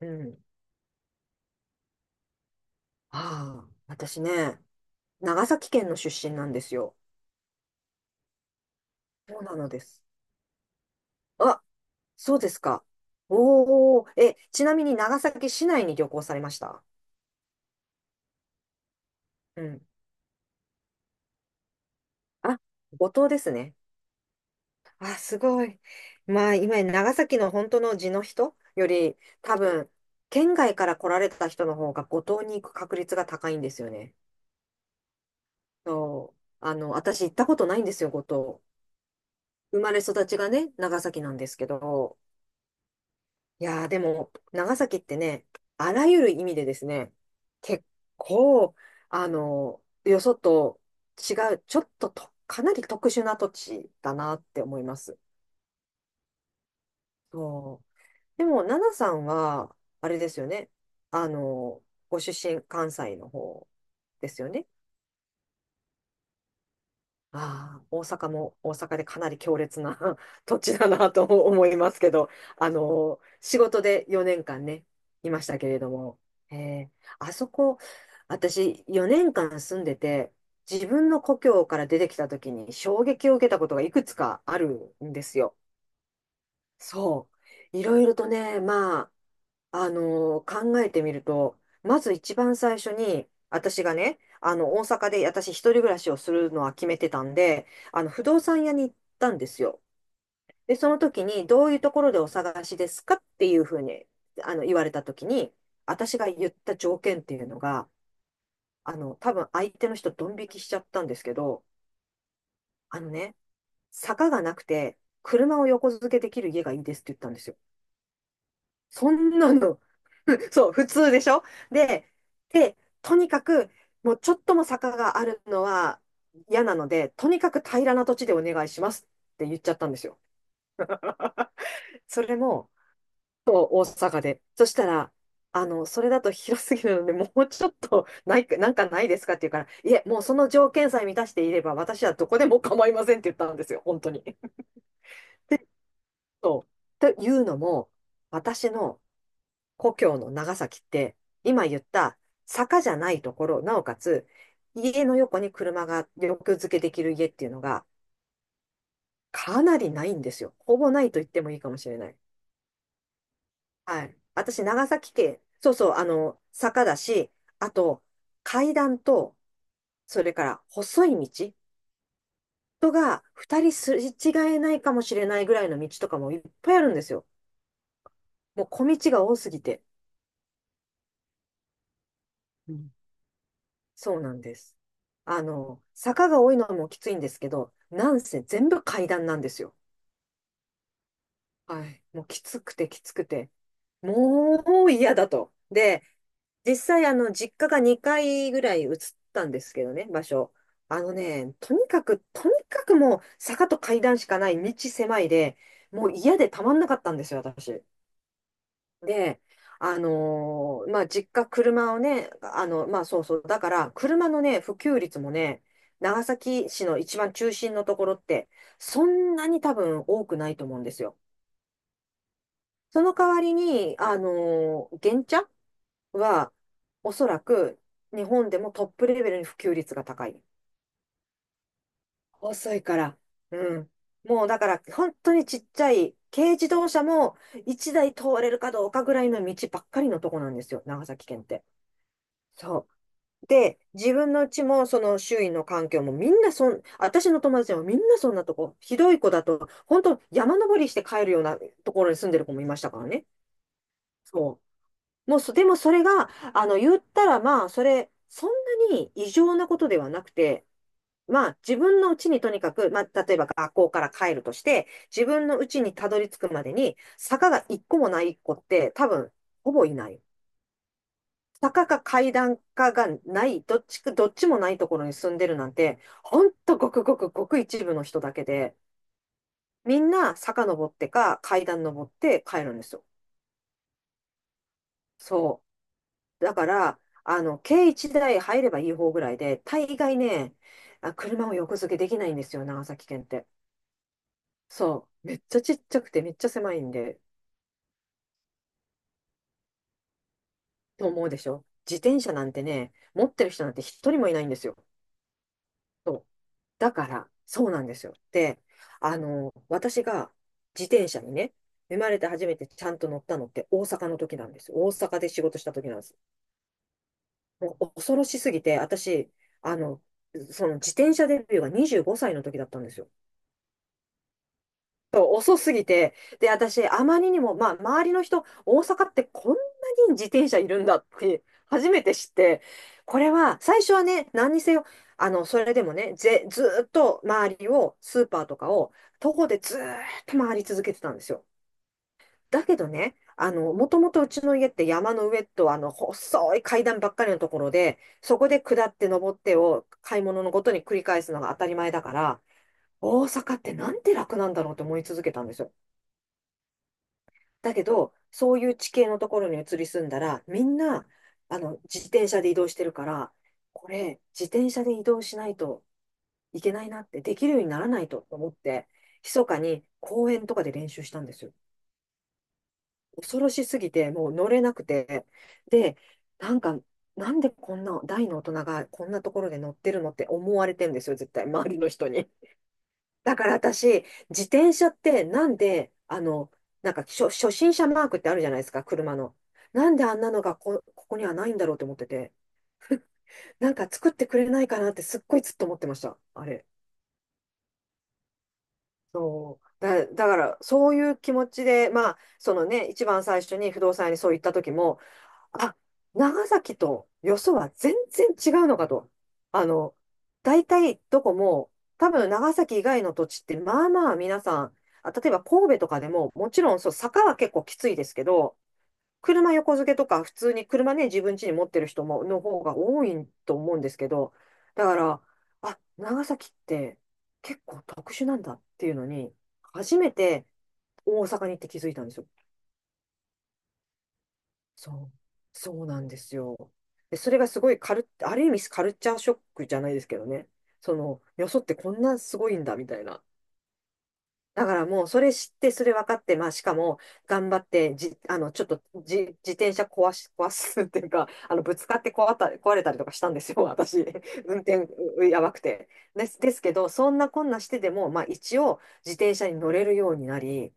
うん。ああ、私ね、長崎県の出身なんですよ。そうなのです。あ、そうですか。おお、え、ちなみに長崎市内に旅行されました？うん。あ、五島ですね。あ、すごい。まあ、今、長崎の本当の地の人より、多分、県外から来られた人の方が五島に行く確率が高いんですよね。そう。私行ったことないんですよ、五島。生まれ育ちがね、長崎なんですけど、いやー、でも、長崎ってね、あらゆる意味でですね、結構、よそと違う、ちょっとと、かなり特殊な土地だなって思います。そう。でも、奈々さんは、あれですよね、あの、ご出身、関西の方ですよね。ああ、大阪も大阪でかなり強烈な 土地だなと 思いますけど、仕事で4年間ね、いましたけれども、ええ、あそこ、私4年間住んでて、自分の故郷から出てきた時に衝撃を受けたことがいくつかあるんですよ。そう。いろいろとね、まあ、考えてみると、まず一番最初に、私がね、大阪で私一人暮らしをするのは決めてたんで、不動産屋に行ったんですよ。で、その時に、どういうところでお探しですかっていうふうに、言われた時に、私が言った条件っていうのが、多分相手の人ドン引きしちゃったんですけど、あのね、坂がなくて、車を横付けできる家がいいですって言ったんですよ。そんなの、そう、普通でしょ？で、で、とにかく、もうちょっとも坂があるのは嫌なので、とにかく平らな土地でお願いしますって言っちゃったんですよ。それも大阪で。そしたら、それだと広すぎるので、もうちょっとないか、なんかないですかって言うから、いえ、もうその条件さえ満たしていれば、私はどこでも構いませんって言ったんですよ、本当に。そう。というのも、私の故郷の長崎って、今言った坂じゃないところ、なおかつ家の横に車が横付けできる家っていうのがかなりないんですよ。ほぼないと言ってもいいかもしれない。はい。私、長崎県、そうそう、坂だし、あと、階段と、それから細い道、人が二人すれ違えないかもしれないぐらいの道とかもいっぱいあるんですよ。もう小道が多すぎて。そうなんです。坂が多いのもきついんですけど、なんせ全部階段なんですよ。はい。もうきつくてきつくて、もう嫌だと。で、実際、実家が2階ぐらい移ったんですけどね、場所。あのね、とにかく、とにかくもう坂と階段しかない道狭いで、もう嫌でたまんなかったんですよ、私。で、まあ、実家、車をね、まあ、そうそう、だから、車のね、普及率もね、長崎市の一番中心のところって、そんなに多分多くないと思うんですよ。その代わりに、原茶は、おそらく、日本でもトップレベルに普及率が高い。遅いから。うん。もうだから、本当にちっちゃい、軽自動車も1台通れるかどうかぐらいの道ばっかりのとこなんですよ、長崎県って。そう。で、自分のうちも、その周囲の環境もみんな私の友達はみんなそんなとこ、ひどい子だと、本当山登りして帰るようなところに住んでる子もいましたからね。そう。もうそ、でもそれが、言ったらまあ、そんなに異常なことではなくて、まあ、自分のうちにとにかく、まあ、例えば学校から帰るとして、自分のうちにたどり着くまでに、坂が一個もない子って、多分、ほぼいない。坂か階段かがない、どっちか、どっちもないところに住んでるなんて、ほんとごくごくごく一部の人だけで、みんな坂登ってか階段登って帰るんですよ。そう。だから、軽一台入ればいい方ぐらいで、大概ね、あ、車を横付けできないんですよ、長崎県って。そう。めっちゃちっちゃくてめっちゃ狭いんで、と思うでしょ？自転車なんてね、持ってる人なんて一人もいないんですよ。そう。だから、そうなんですよ。で、私が自転車にね、生まれて初めてちゃんと乗ったのって大阪の時なんです。大阪で仕事した時なんです。もう恐ろしすぎて、私、あの、その自転車デビューが25歳の時だったんですよ。そう遅すぎて。で、私、あまりにも、まあ、周りの人、大阪ってこんなに自転車いるんだって、初めて知って、これは、最初はね、何にせよ、それでもね、ずーっと周りを、スーパーとかを、徒歩でずーっと回り続けてたんですよ。だけどね、もともとうちの家って山の上と、細い階段ばっかりのところで、そこで下って登ってを、買い物のごとに繰り返すのが当たり前だから、大阪ってなんて楽なんだろうと思い続けたんですよ。だけど、そういう地形のところに移り住んだら、みんな、自転車で移動してるから、これ、自転車で移動しないといけないなって、できるようにならないと思って、密かに公園とかで練習したんですよ。恐ろしすぎて、もう乗れなくて。で、なんか、なんでこんな大の大人がこんなところで乗ってるのって思われてんですよ、絶対、周りの人に。だから私、自転車ってなんで、なんか初心者マークってあるじゃないですか、車の。なんであんなのがここにはないんだろうと思ってて、なんか作ってくれないかなってすっごいずっと思ってました、あれ。そう。だから、そういう気持ちで、まあ、そのね、一番最初に不動産屋にそう言った時も、あ、長崎とよそは全然違うのかと。あの、大体どこも、多分長崎以外の土地ってまあまあ皆さん、あ、例えば神戸とかでも、もちろんそう、坂は結構きついですけど、車横付けとか普通に車ね、自分家に持ってる人も、の方が多いと思うんですけど、だから、あ、長崎って結構特殊なんだっていうのに、初めて大阪に行って気づいたんですよ。そう、そうなんですよ。で、それがすごいある意味カルチャーショックじゃないですけどね。その、よそってこんなすごいんだ、みたいな。だからもう、それ知って、それ分かって、まあ、しかも、頑張って、ちょっと、自転車壊すっていうか、ぶつかって壊れたりとかしたんですよ、私。運転、うやばくて。ですけど、そんなこんなしてでも、まあ、一応、自転車に乗れるようになり、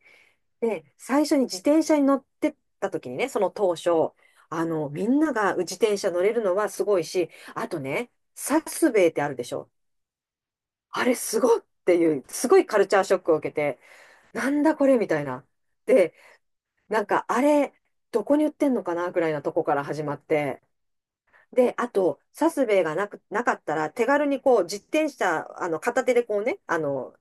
で、最初に自転車に乗ってった時にね、その当初、みんなが自転車乗れるのはすごいし、あとね、サスベイってあるでしょ。あれすごっていう、すごいカルチャーショックを受けて、なんだこれみたいな。で、なんかあれ、どこに売ってんのかなぐらいなとこから始まって。で、あと、サスベイがなく、なかったら、手軽にこう、自転車、片手でこうね、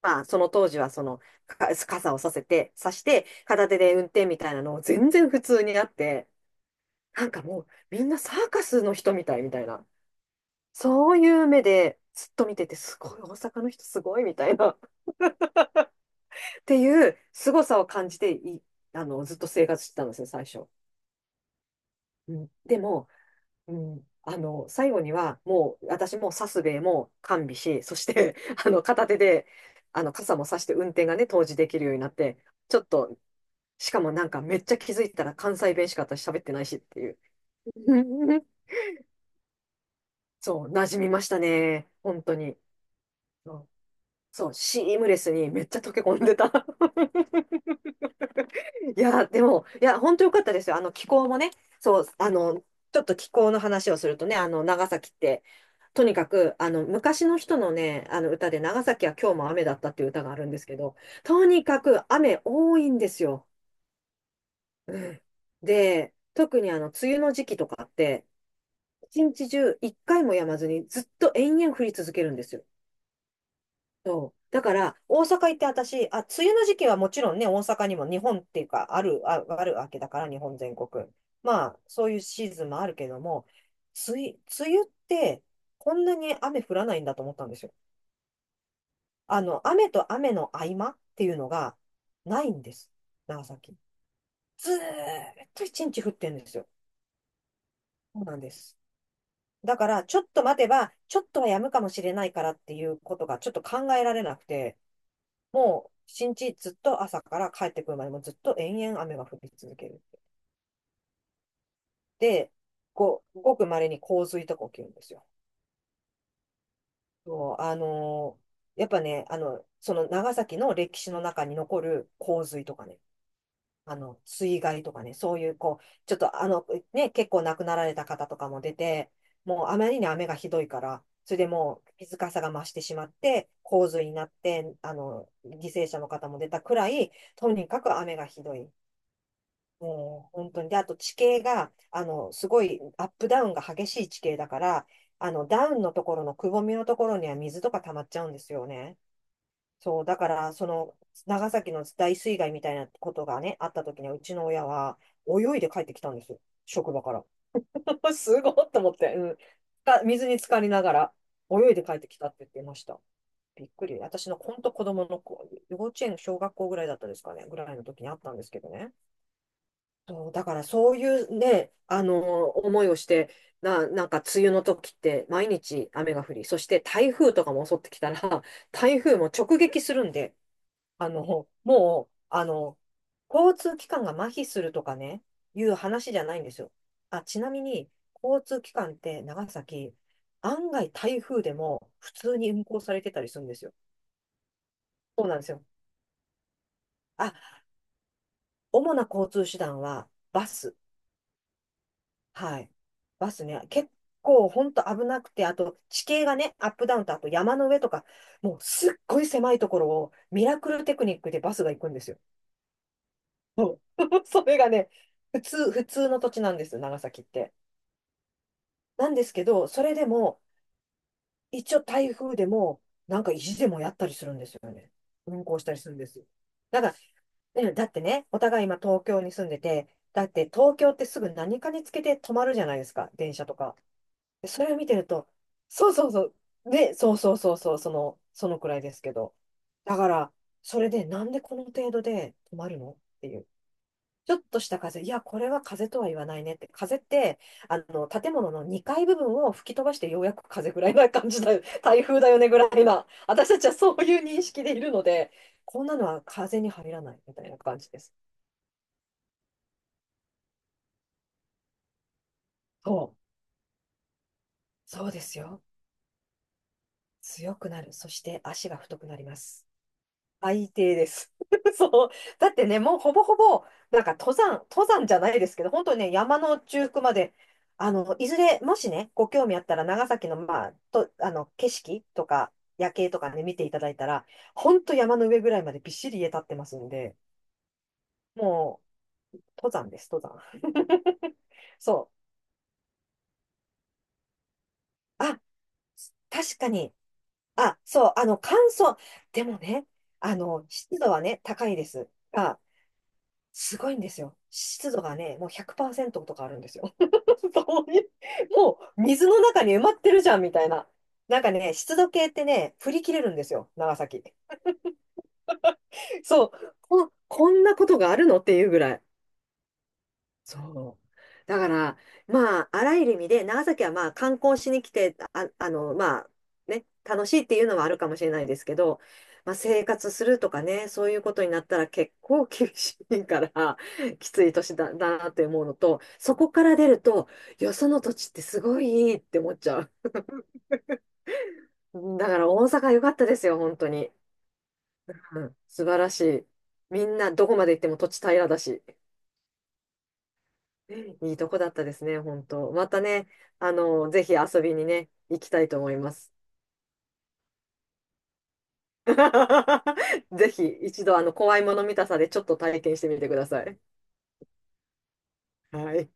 まあ、その当時はその、傘をさせて、さして、片手で運転みたいなのを全然普通にあって、なんかもう、みんなサーカスの人みたいな、そういう目でずっと見てて、すごい、大阪の人すごいみたいな、っていう凄さを感じてい、ずっと生活してたんですよ、最初。うん、でも、うん、最後には、もう、私もサスベイも完備し、そして、片手で、傘もさして運転がね、当時できるようになって、ちょっとしかもなんかめっちゃ気づいたら関西弁しか私喋ってないしっていう。そう、馴染みましたね。本当に。そうそう、シームレスにめっちゃ溶け込んでた。いや、でも、いや、本当良かったですよ。気候もね、そう、ちょっと気候の話をするとね、長崎って、とにかく、昔の人のね、あの歌で、長崎は今日も雨だったっていう歌があるんですけど、とにかく雨多いんですよ。うん。で、特に梅雨の時期とかって、一日中一回もやまずにずっと延々降り続けるんですよ。そう。だから、大阪行って私、あ、梅雨の時期はもちろんね、大阪にも日本っていうか、ある、あ、あるわけだから、日本全国。まあ、そういうシーズンもあるけども、梅雨、梅雨って、こんなに雨降らないんだと思ったんですよ。雨と雨の合間っていうのが、ないんです。長崎。ずーっと一日降ってるんですよ。そうなんです。だから、ちょっと待てば、ちょっとは止むかもしれないからっていうことがちょっと考えられなくて、もう、新日ずっと朝から帰ってくるまでもずっと延々雨が降り続ける。で、ごく稀に洪水とか起きるんですよ。そう、やっぱね、その長崎の歴史の中に残る洪水とかね、水害とかね、そういうこう、ちょっとあの、ね、結構亡くなられた方とかも出て、もうあまりに雨がひどいから、それでもう水かさが増してしまって、洪水になって、犠牲者の方も出たくらい、とにかく雨がひどい。もう本当に。で、あと地形が、すごいアップダウンが激しい地形だから、ダウンのところのくぼみのところには水とか溜まっちゃうんですよね。そう、だから、その、長崎の大水害みたいなことがね、あった時には、うちの親は、泳いで帰ってきたんですよ。職場から。すごいと思って、うん。水に浸かりながら、泳いで帰ってきたって言ってました。びっくり。私の本当子供の子、幼稚園、小学校ぐらいだったですかね、ぐらいの時にあったんですけどね。そう、だからそういうね、思いをして、なんか梅雨の時って毎日雨が降り、そして台風とかも襲ってきたら、台風も直撃するんで、あの、もう、あの、交通機関が麻痺するとかね、いう話じゃないんですよ。あ、ちなみに、交通機関って長崎、案外台風でも普通に運行されてたりするんですよ。そうなんですよ。あ、主な交通手段はバス。はい。バスね、結構本当危なくて、あと地形がね、アップダウンと、あと山の上とか、もうすっごい狭いところをミラクルテクニックでバスが行くんですよ。そう。 それがね、普通の土地なんです、長崎って。なんですけど、それでも、一応台風でも、なんか意地でもやったりするんですよね。運行したりするんですよ。だから、ねだってね、お互い今東京に住んでて、だって東京ってすぐ何かにつけて止まるじゃないですか、電車とか。でそれを見てると、そうそうそう、ね、そうそうそうそう、そのくらいですけど。だから、それでなんでこの程度で止まるのっていう。ちょっとした風、いや、これは風とは言わないねって、風って、建物の2階部分を吹き飛ばしてようやく風ぐらいな感じだよ、台風だよねぐらいな、私たちはそういう認識でいるので、こんなのは風に入らないみたいな感じです。そう、そうですよ。強くなる。そして足が太くなります。最低です。そう。だってね、もうほぼほぼ、なんか登山、登山じゃないですけど、本当にね、山の中腹まで、いずれ、もしね、ご興味あったら、長崎の、まあ、景色とか、夜景とかね、見ていただいたら、本当山の上ぐらいまでびっしり家建ってますんで、もう、登山です、登山。そう。あ、確かに。あ、そう、乾燥。でもね、湿度はね、高いです。がすごいんですよ。湿度がね、もう100%とかあるんですよ。そういう、もう水の中に埋まってるじゃんみたいな。なんかね、湿度計ってね、振り切れるんですよ、長崎。そう、こんなことがあるのっていうぐらい。そう。だから、まあ、あらゆる意味で、長崎はまあ、観光しに来て、あ、まあ、ね、楽しいっていうのはあるかもしれないですけど、まあ、生活するとかね、そういうことになったら結構厳しいから、きつい年だ、だなって思うのと、そこから出ると、よその土地ってすごいいいって思っちゃう。だから、大阪良かったですよ、本当に。うん、素晴らしい。みんな、どこまで行っても土地平らだし。いいとこだったですね、本当。またね、ぜひ遊びにね、行きたいと思います。ぜひ一度、怖いもの見たさでちょっと体験してみてください。はい。